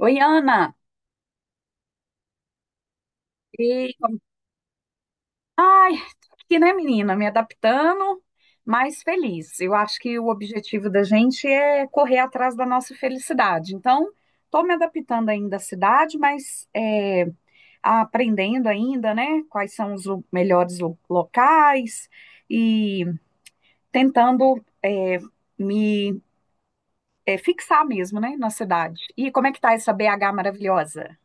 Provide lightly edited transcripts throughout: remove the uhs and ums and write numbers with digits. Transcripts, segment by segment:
Oi, Ana. E, como- ai, tô aqui, né, menina, me adaptando, mas feliz. Eu acho que o objetivo da gente é correr atrás da nossa felicidade. Então, tô me adaptando ainda à cidade, mas aprendendo ainda, né, quais são os melhores locais e tentando me fixar mesmo, né, na cidade. E como é que tá essa BH maravilhosa?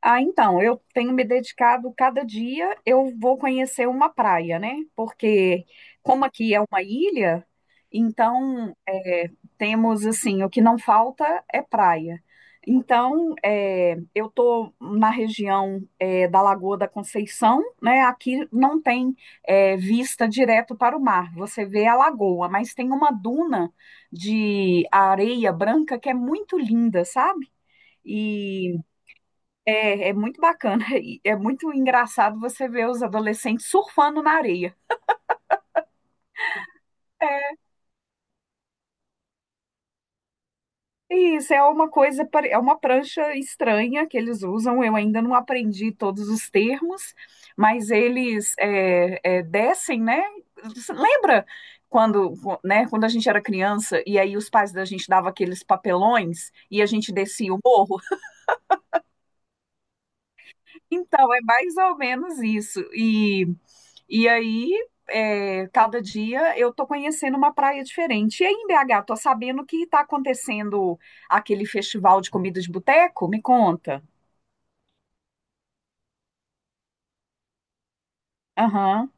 Ah, então, eu tenho me dedicado cada dia, eu vou conhecer uma praia, né? Porque como aqui é uma ilha, então temos assim, o que não falta é praia. Então, eu estou na região da Lagoa da Conceição, né? Aqui não tem vista direto para o mar, você vê a lagoa, mas tem uma duna de areia branca que é muito linda, sabe? E é muito bacana e é muito engraçado você ver os adolescentes surfando na areia. É. E isso é uma coisa, é uma prancha estranha que eles usam. Eu ainda não aprendi todos os termos, mas eles descem, né? Você Lembra quando, né, quando a gente era criança e aí os pais da gente davam aqueles papelões e a gente descia o morro? Então, é mais ou menos isso. E aí, cada dia eu tô conhecendo uma praia diferente. E aí, em BH, tô sabendo que tá acontecendo aquele festival de comida de boteco? Me conta. Aham.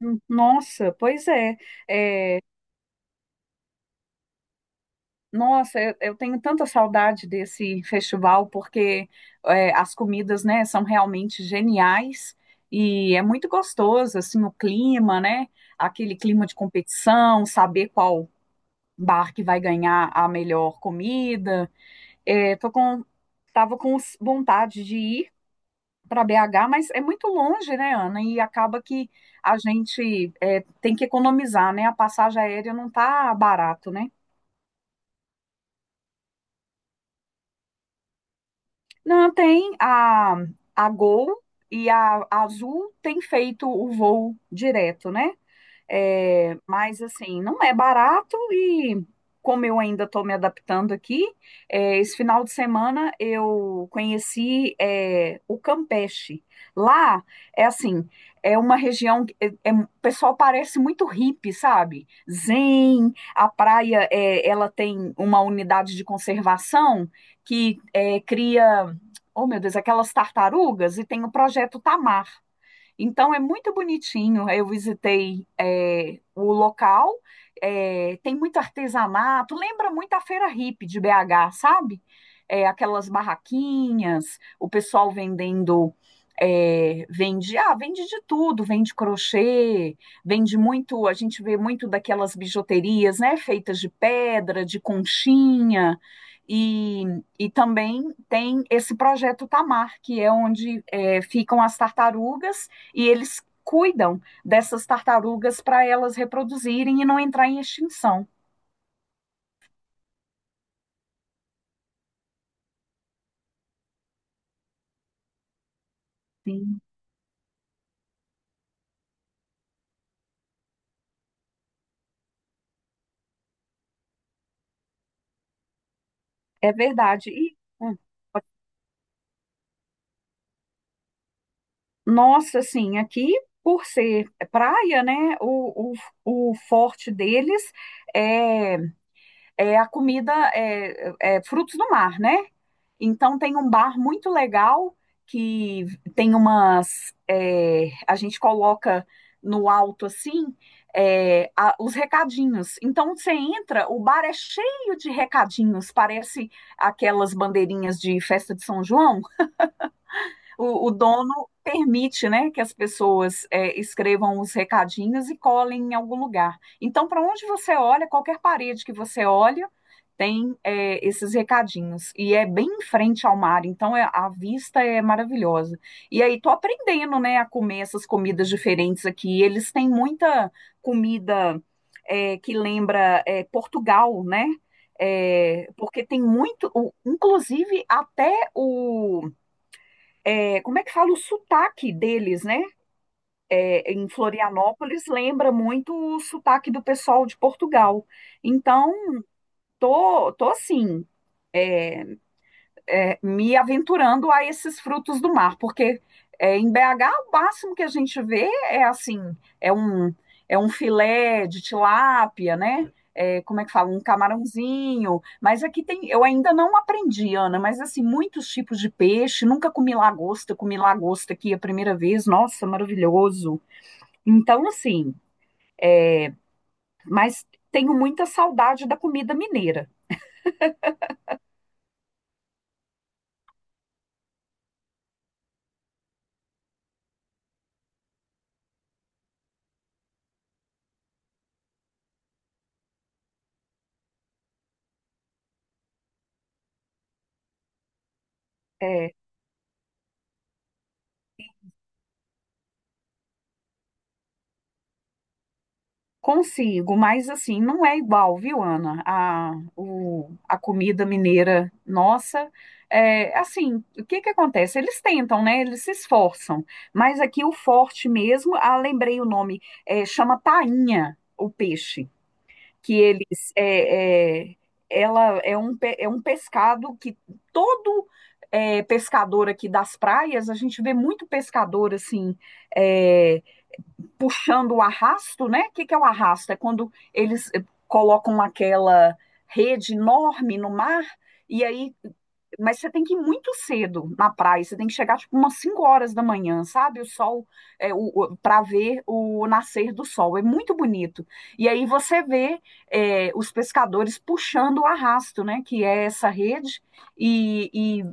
Nossa, pois é. É, nossa, eu tenho tanta saudade desse festival porque as comidas, né, são realmente geniais e é muito gostoso, assim, o clima, né? Aquele clima de competição, saber qual bar que vai ganhar a melhor comida. É, tava com vontade de ir para BH, mas é muito longe, né, Ana? E acaba que a gente tem que economizar, né? A passagem aérea não tá barato, né? Não, tem a Gol e a Azul tem feito o voo direto, né? É, mas assim, não é barato e como eu ainda estou me adaptando aqui, esse final de semana eu conheci o Campeche. Lá é assim, é uma região que o pessoal parece muito hippie, sabe? Zen, a praia ela tem uma unidade de conservação que cria, oh meu Deus, aquelas tartarugas e tem o projeto Tamar. Então é muito bonitinho. Eu visitei o local, tem muito artesanato, lembra muito a Feira Hippie de BH, sabe? É, aquelas barraquinhas, o pessoal vendendo, vende de tudo, vende crochê, vende muito, a gente vê muito daquelas bijuterias, né, feitas de pedra, de conchinha. E, e também tem esse projeto Tamar, que é onde ficam as tartarugas e eles cuidam dessas tartarugas para elas reproduzirem e não entrar em extinção. Sim. É verdade. E, nossa, assim, aqui, por ser praia, né, o, o forte deles é, é a comida, é frutos do mar, né? Então tem um bar muito legal que tem umas, a gente coloca no alto assim os recadinhos. Então você entra, o bar é cheio de recadinhos, parece aquelas bandeirinhas de festa de São João. O dono permite, né, que as pessoas escrevam os recadinhos e colem em algum lugar. Então, para onde você olha, qualquer parede que você olha, tem esses recadinhos. E é bem em frente ao mar, então a vista é maravilhosa. E aí, tô aprendendo, né, a comer essas comidas diferentes aqui. Eles têm muita comida que lembra Portugal, né? É, porque tem muito, inclusive até o como é que fala o sotaque deles, né? É, em Florianópolis lembra muito o sotaque do pessoal de Portugal. Então, tô assim. é, me aventurando a esses frutos do mar, porque em BH o máximo que a gente vê é assim, é um, é um filé de tilápia, né? É, como é que fala? Um camarãozinho. Mas aqui tem, eu ainda não aprendi, Ana, mas assim, muitos tipos de peixe, nunca comi lagosta, comi lagosta aqui a primeira vez, nossa, maravilhoso. Então, assim, mas tenho muita saudade da comida mineira. É, Consigo, mas assim, não é igual, viu, Ana? A comida mineira nossa. É, assim, o que que acontece? Eles tentam, né? Eles se esforçam. Mas aqui o forte mesmo, ah, lembrei o nome, chama tainha, o peixe, que eles, é, é, ela é um, pe- é um pescado que todo pescador aqui das praias, a gente vê muito pescador assim, é, puxando o arrasto, né? O que, que é o arrasto? É quando eles colocam aquela rede enorme no mar, e aí. Mas você tem que ir muito cedo na praia, você tem que chegar tipo umas 5 horas da manhã, sabe? O sol, é, para ver o nascer do sol, é muito bonito. E aí você vê os pescadores puxando o arrasto, né? Que é essa rede, e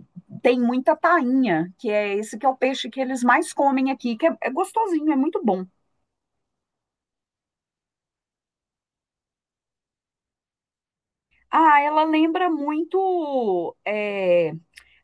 tem muita tainha, que é esse que é o peixe que eles mais comem aqui, que é gostosinho, é muito bom. Ah, ela lembra muito,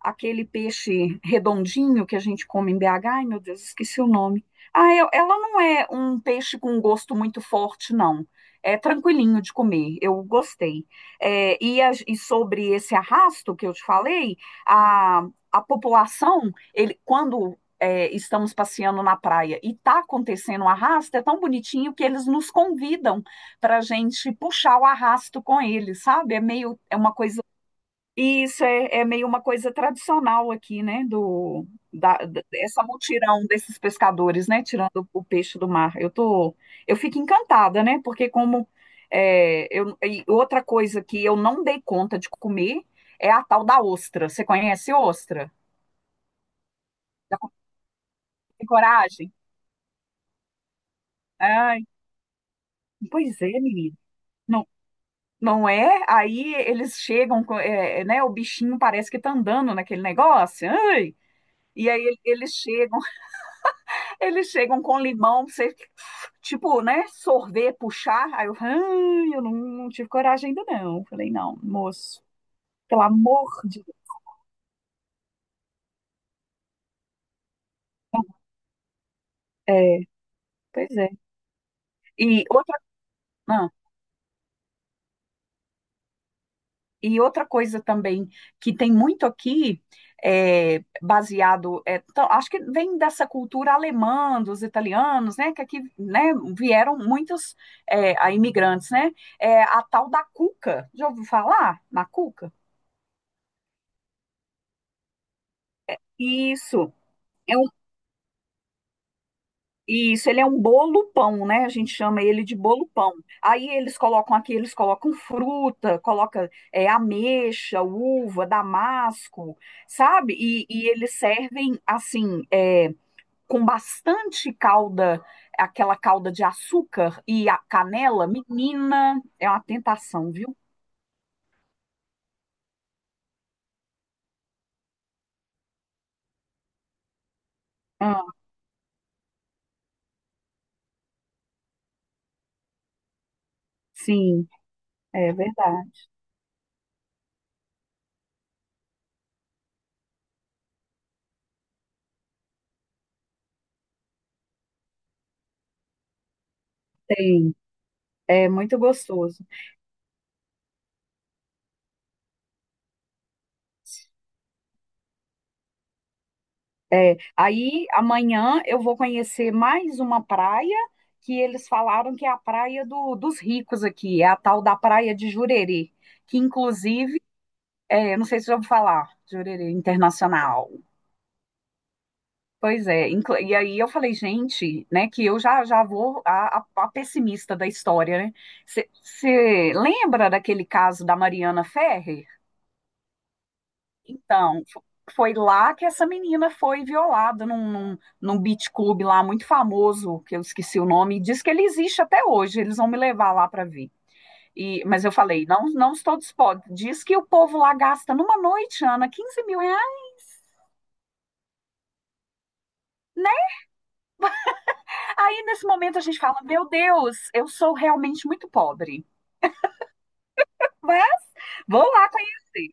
aquele peixe redondinho que a gente come em BH. Ai, meu Deus, esqueci o nome. Ah, ela não é um peixe com um gosto muito forte, não. É tranquilinho de comer, eu gostei. É, e sobre esse arrasto que eu te falei, a, a população, ele, quando estamos passeando na praia e está acontecendo um arrasto, é tão bonitinho que eles nos convidam para a gente puxar o arrasto com eles, sabe? É meio, é uma coisa e isso é meio uma coisa tradicional aqui, né? Essa mutirão desses pescadores, né? Tirando o peixe do mar. Eu fico encantada, né? Porque como é, eu, e outra coisa que eu não dei conta de comer é a tal da ostra. Você conhece ostra? Já comeu? Tem coragem? Ai, pois é, menino. Não, não é? Aí eles chegam, né? O bichinho parece que tá andando naquele negócio. Ai, e aí eles chegam. Eles chegam com limão, você, tipo, né, sorver, puxar. Aí eu, "Ai, eu não, não tive coragem ainda não. Falei, não, moço, pelo amor de Deus. É, pois é. E outra, ah, e outra coisa também que tem muito aqui, baseado, então, acho que vem dessa cultura alemã, dos italianos, né, que aqui, né, vieram muitos é, a imigrantes, né, é a tal da cuca. Já ouviu falar na cuca? Isso. é um Isso, ele é um bolo pão, né? A gente chama ele de bolo pão. Aí eles colocam aqui, eles colocam fruta, coloca ameixa, uva, damasco, sabe? E eles servem assim, com bastante calda, aquela calda de açúcar e a canela. Menina, é uma tentação, viu? Ah, sim, é verdade. Tem, é muito gostoso. Aí amanhã eu vou conhecer mais uma praia que eles falaram que é a praia dos ricos aqui, é a tal da Praia de Jurerê, que inclusive, eu não sei se já ouviu falar, Jurerê Internacional. Pois é, e aí eu falei, gente, né, que eu já, já vou a pessimista da história, né? Você lembra daquele caso da Mariana Ferrer? Então, foi lá que essa menina foi violada num, beach club lá muito famoso, que eu esqueci o nome, e diz que ele existe até hoje, eles vão me levar lá para ver. E, mas eu falei, não, não estou disposta. Diz que o povo lá gasta numa noite, Ana, R$ 15.000, né? Aí nesse momento a gente fala, meu Deus, eu sou realmente muito pobre. Vai, vou lá conhecer.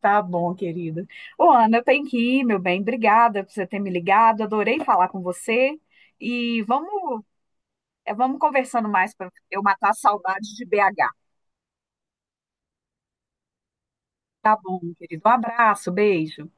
Tá bom, querida. Ô, Ana, eu tenho que ir, meu bem. Obrigada por você ter me ligado. Adorei falar com você. E vamos, É, vamos conversando mais para eu matar a saudade de BH. Tá bom, querido. Um abraço, beijo.